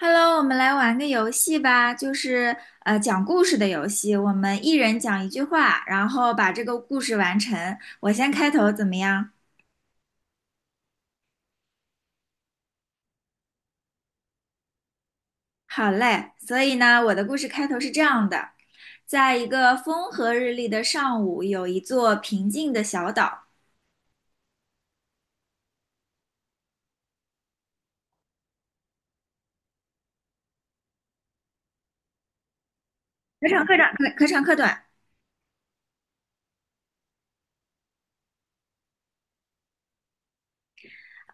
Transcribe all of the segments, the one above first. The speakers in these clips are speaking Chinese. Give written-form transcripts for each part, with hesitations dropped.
Hello，我们来玩个游戏吧，就是讲故事的游戏。我们一人讲一句话，然后把这个故事完成。我先开头怎么样？好嘞。所以呢，我的故事开头是这样的：在一个风和日丽的上午，有一座平静的小岛。可长可短，可长可短。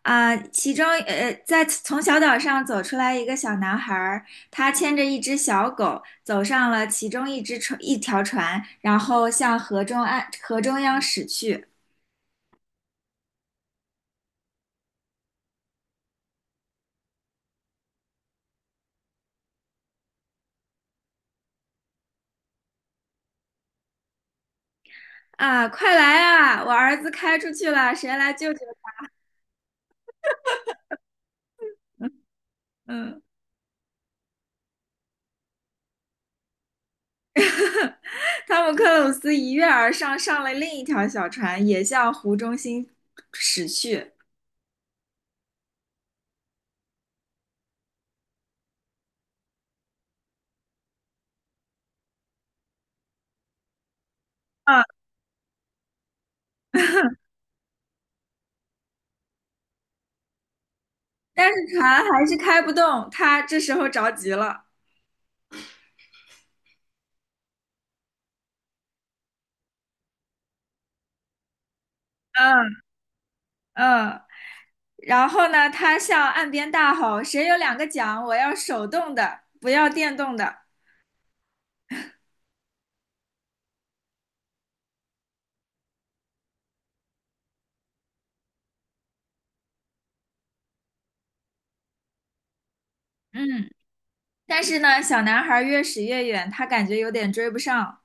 啊，其中从小岛上走出来一个小男孩儿，他牵着一只小狗，走上了其中一只船，一条船，然后向河中岸河中央驶去。啊，快来啊！我儿子开出去了，谁来救救？嗯，汤姆克鲁斯一跃而上，上了另一条小船，也向湖中心驶去。啊，但是船还是开不动，他这时候着急了。嗯嗯。然后呢，他向岸边大吼：“谁有2个桨？我要手动的，不要电动的。”嗯，但是呢，小男孩越驶越远，他感觉有点追不上。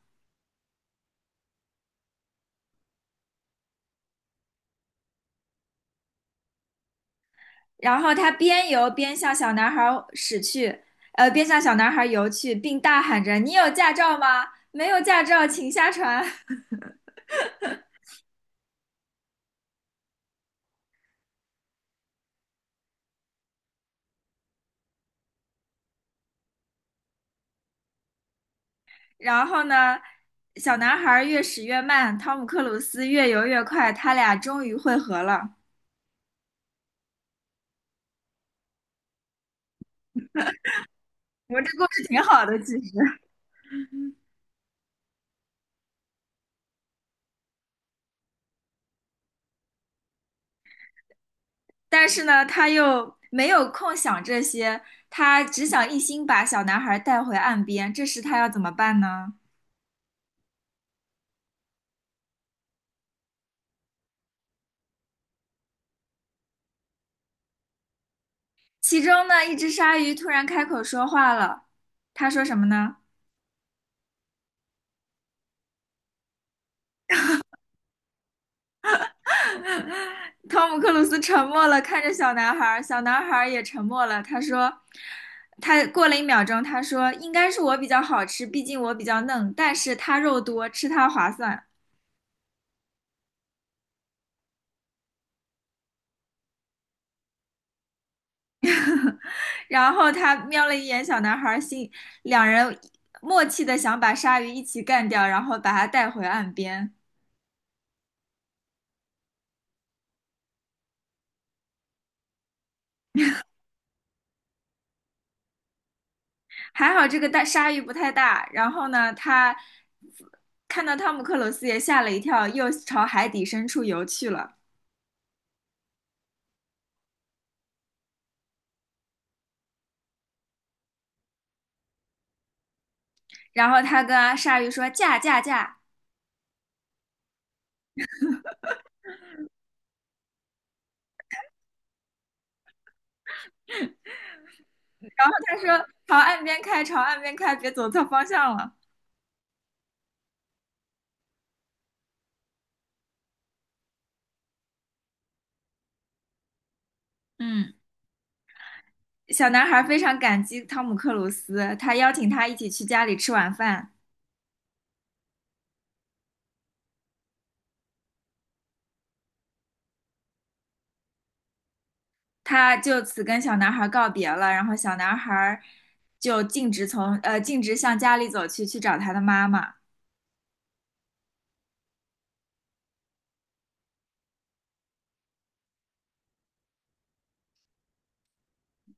然后他边游边向小男孩驶去，边向小男孩游去，并大喊着：“你有驾照吗？没有驾照，请下船。然后呢，小男孩越驶越慢，汤姆克鲁斯越游越快，他俩终于会合了。我们这故事挺好的，其实。但是呢，他又没有空想这些，他只想一心把小男孩带回岸边。这时他要怎么办呢？其中呢，一只鲨鱼突然开口说话了，他说什么呢？汤姆克鲁斯沉默了，看着小男孩，小男孩也沉默了。他过了1秒钟，他说应该是我比较好吃，毕竟我比较嫩，但是他肉多，吃它划算。然后他瞄了一眼小男孩，两人默契的想把鲨鱼一起干掉，然后把他带回岸边。还好这个大鲨鱼不太大，然后呢，他看到汤姆克鲁斯也吓了一跳，又朝海底深处游去了。然后他跟鲨鱼说：“驾驾驾！”然后他说：“朝岸边开，朝岸边开，别走错方向了。”嗯，小男孩非常感激汤姆克鲁斯，他邀请他一起去家里吃晚饭。他就此跟小男孩告别了，然后小男孩就径直向家里走去，去找他的妈妈。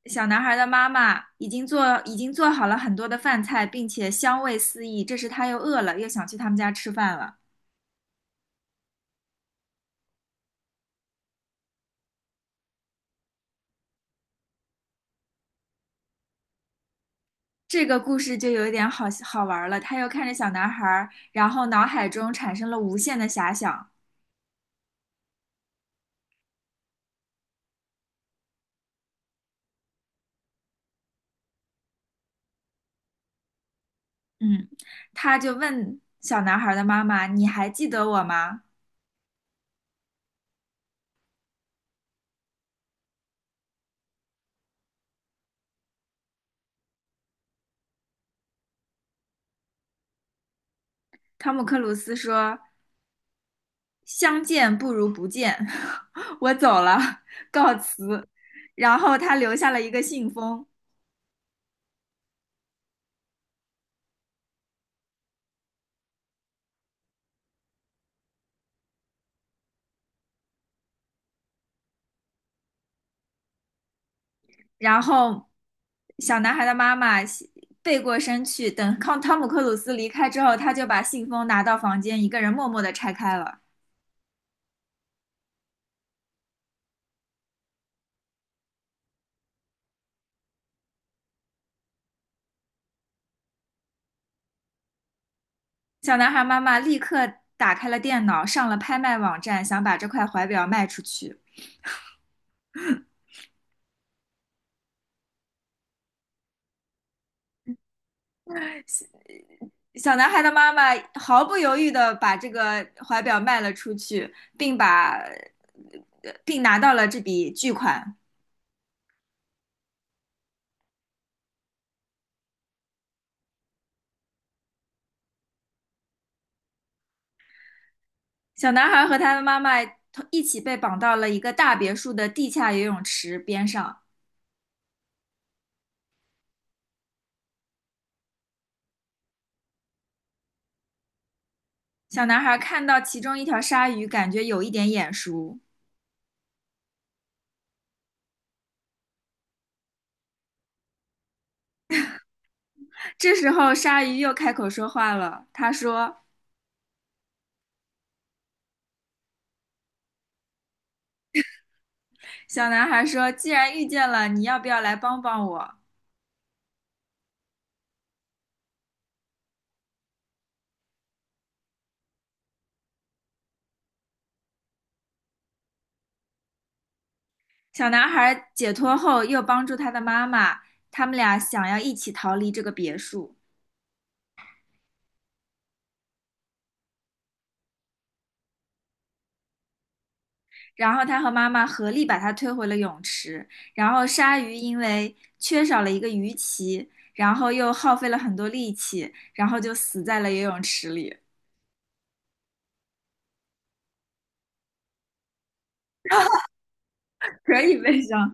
小男孩的妈妈已经做好了很多的饭菜，并且香味四溢。这时他又饿了，又想去他们家吃饭了。这个故事就有一点好好玩了。他又看着小男孩，然后脑海中产生了无限的遐想。嗯，他就问小男孩的妈妈：“你还记得我吗？”汤姆克鲁斯说：“相见不如不见，我走了，告辞。”然后他留下了一个信封，然后小男孩的妈妈背过身去，等汤姆克鲁斯离开之后，他就把信封拿到房间，一个人默默地拆开了。小男孩妈妈立刻打开了电脑，上了拍卖网站，想把这块怀表卖出去。小男孩的妈妈毫不犹豫地把这个怀表卖了出去，并拿到了这笔巨款。小男孩和他的妈妈一起被绑到了一个大别墅的地下游泳池边上。小男孩看到其中一条鲨鱼，感觉有一点眼熟。这时候，鲨鱼又开口说话了。他说：“小男孩说，既然遇见了，你要不要来帮帮我？”小男孩解脱后，又帮助他的妈妈，他们俩想要一起逃离这个别墅。然后他和妈妈合力把他推回了泳池。然后鲨鱼因为缺少了一个鱼鳍，然后又耗费了很多力气，然后就死在了游泳池里，可以悲伤。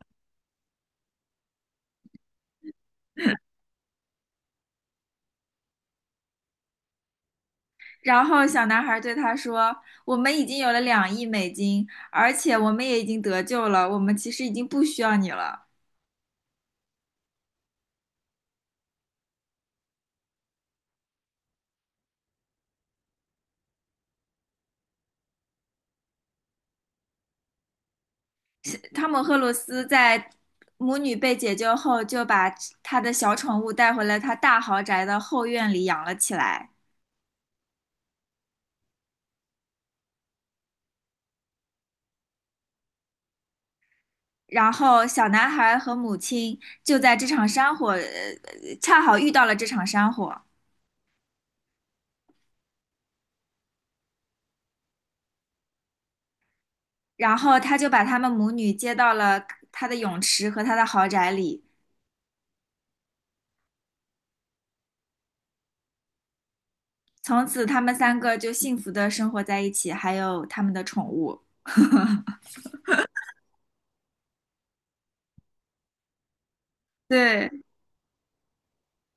然后小男孩对他说：“我们已经有了2亿美金，而且我们也已经得救了，我们其实已经不需要你了。”汤姆·赫鲁斯在母女被解救后，就把他的小宠物带回了他大豪宅的后院里养了起来。然后小男孩和母亲就在这场山火，呃，恰好遇到了这场山火，然后他就把他们母女接到了他的泳池和他的豪宅里，从此他们三个就幸福的生活在一起，还有他们的宠物。对，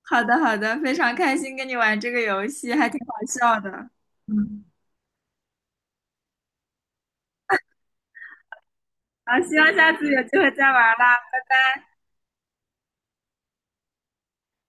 好的好的，非常开心跟你玩这个游戏，还挺好笑的。嗯，好，希望下次有机会再玩啦。